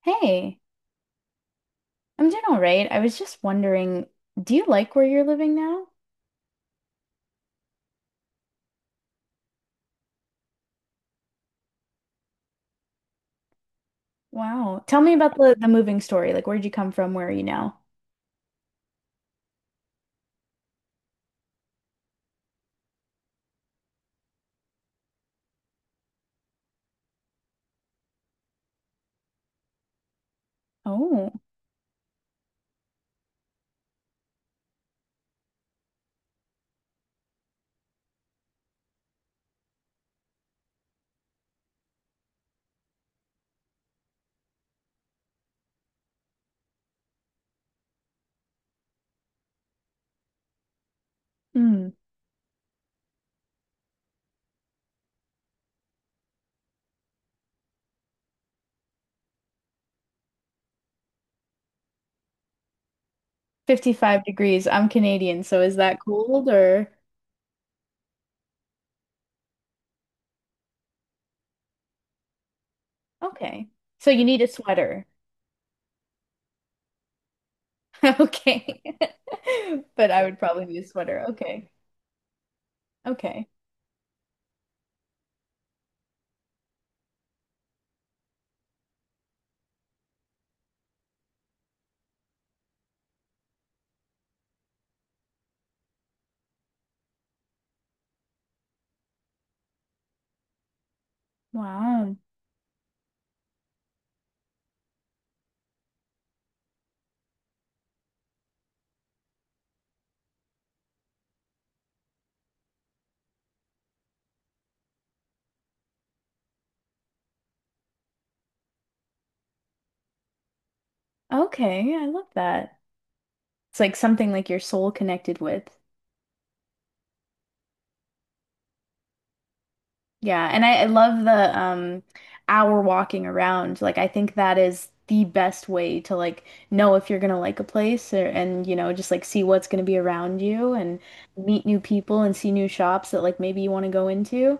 Hey, I'm doing all right. I was just wondering, do you like where you're living now? Wow. Tell me about the moving story. Like, where'd you come from? Where are you now? Oh, hmm. 55 degrees. I'm Canadian, so is that cold or okay. So you need a sweater. Okay. But I would probably need a sweater. Okay. Okay. Wow. Okay. I love that. It's like something like your soul connected with. Yeah, and I love the hour walking around. Like I think that is the best way to like know if you're gonna like a place or, and you know just like see what's gonna be around you and meet new people and see new shops that like maybe you want to go into.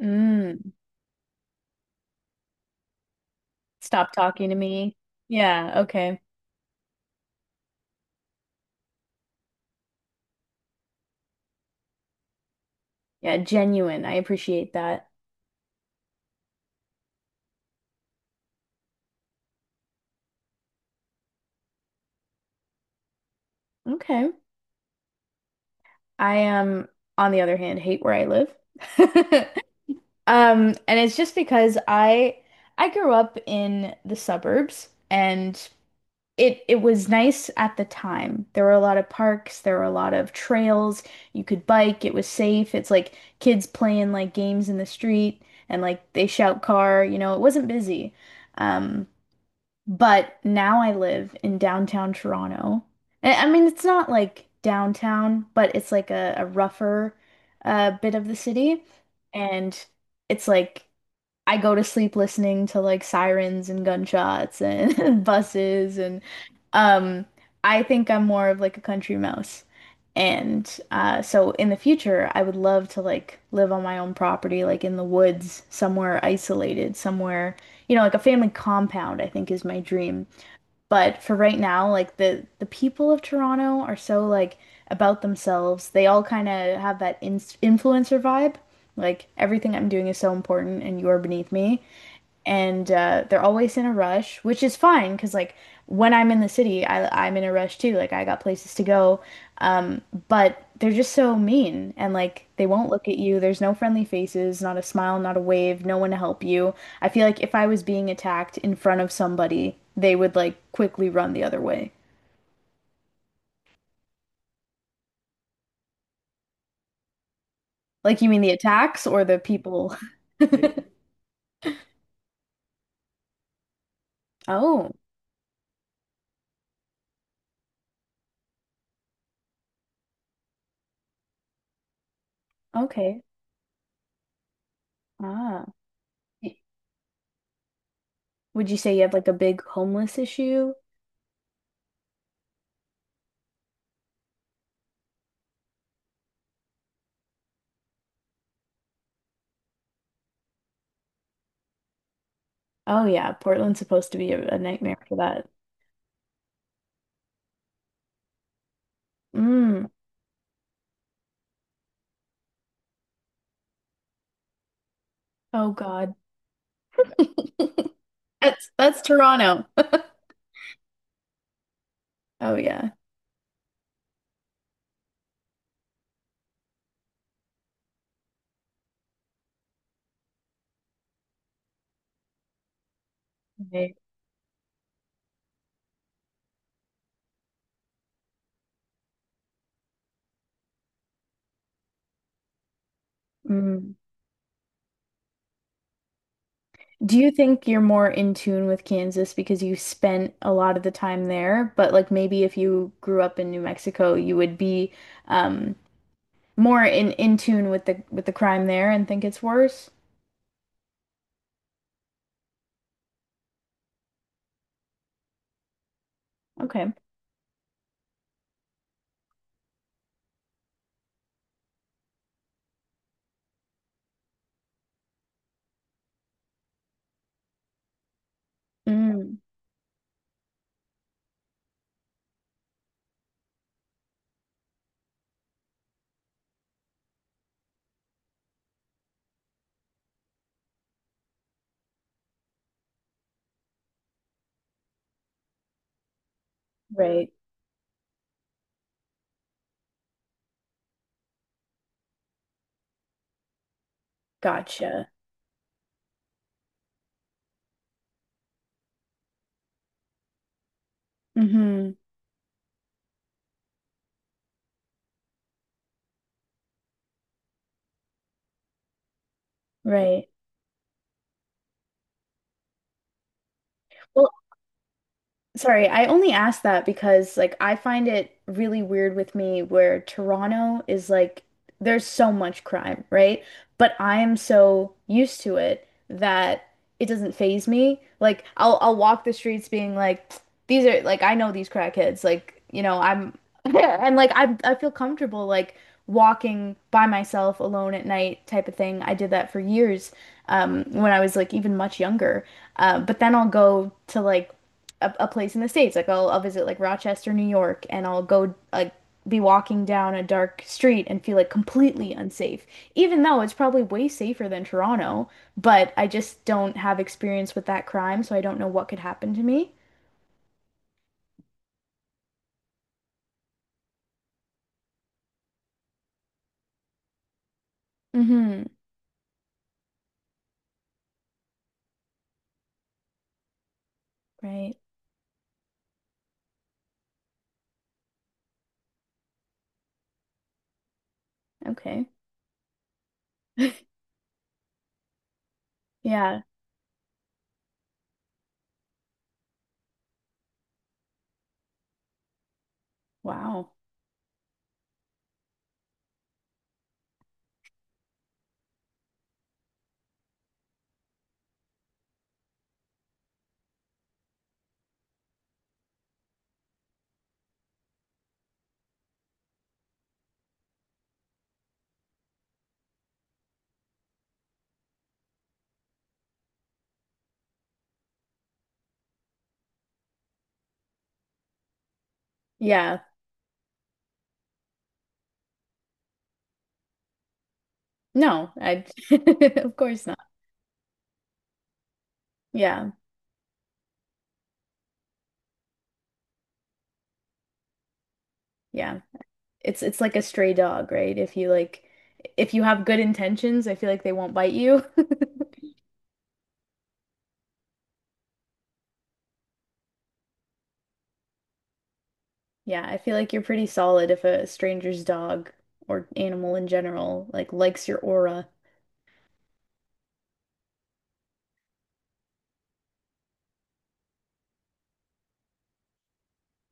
Mm, stop talking to me. Yeah, okay. Yeah, genuine. I appreciate that. Okay. I on the other hand hate where I live. And it's just because I grew up in the suburbs and it was nice at the time. There were a lot of parks, there were a lot of trails. You could bike, it was safe. It's like kids playing like games in the street and like they shout car, you know, it wasn't busy. Um, but now I live in downtown Toronto. And I mean, it's not like downtown, but it's like a rougher bit of the city. And it's like I go to sleep listening to like sirens and gunshots and buses and um I think I'm more of like a country mouse. And so in the future I would love to like live on my own property like in the woods somewhere isolated somewhere, you know, like a family compound I think is my dream. But for right now, like the people of Toronto are so like about themselves. They all kind of have that in influencer vibe. Like everything I'm doing is so important and you're beneath me. And they're always in a rush, which is fine because like when I'm in the city, I'm in a rush too. Like I got places to go, but they're just so mean and like they won't look at you. There's no friendly faces, not a smile, not a wave, no one to help you. I feel like if I was being attacked in front of somebody, they would like quickly run the other way. Like you mean the attacks or the people? Oh, okay. Ah. Y- Would you say you have like a big homeless issue? Oh yeah, Portland's supposed to be a nightmare for that. Mm. Oh God. That's Toronto. Oh yeah. Right. Mm. Do you think you're more in tune with Kansas because you spent a lot of the time there, but like maybe if you grew up in New Mexico, you would be um more in tune with the crime there and think it's worse? Okay. Mm, right. Gotcha. Mm-hmm. Right. Well, sorry, I only asked that because like I find it really weird with me where Toronto is like there's so much crime, right? But I am so used to it that it doesn't faze me. Like I'll walk the streets being like these are like I know these crackheads. Like, you know, I'm and like I feel comfortable like walking by myself alone at night type of thing. I did that for years when I was like even much younger. But then I'll go to like a place in the states. Like I'll visit like Rochester, New York, and I'll go like be walking down a dark street and feel like completely unsafe, even though it's probably way safer than Toronto. But I just don't have experience with that crime, so I don't know what could happen to me. Mm-hmm. Right. Okay. Yeah. Wow. Yeah. No, I of course not. Yeah. Yeah. It's like a stray dog, right? If you like if you have good intentions, I feel like they won't bite you. Yeah, I feel like you're pretty solid if a stranger's dog or animal in general like likes your aura.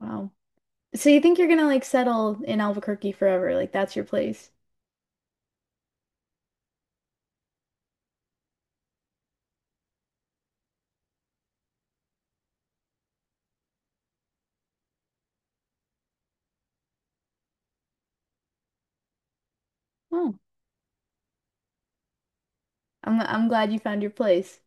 Wow. So you think you're gonna like settle in Albuquerque forever? Like that's your place? Oh, I'm glad you found your place.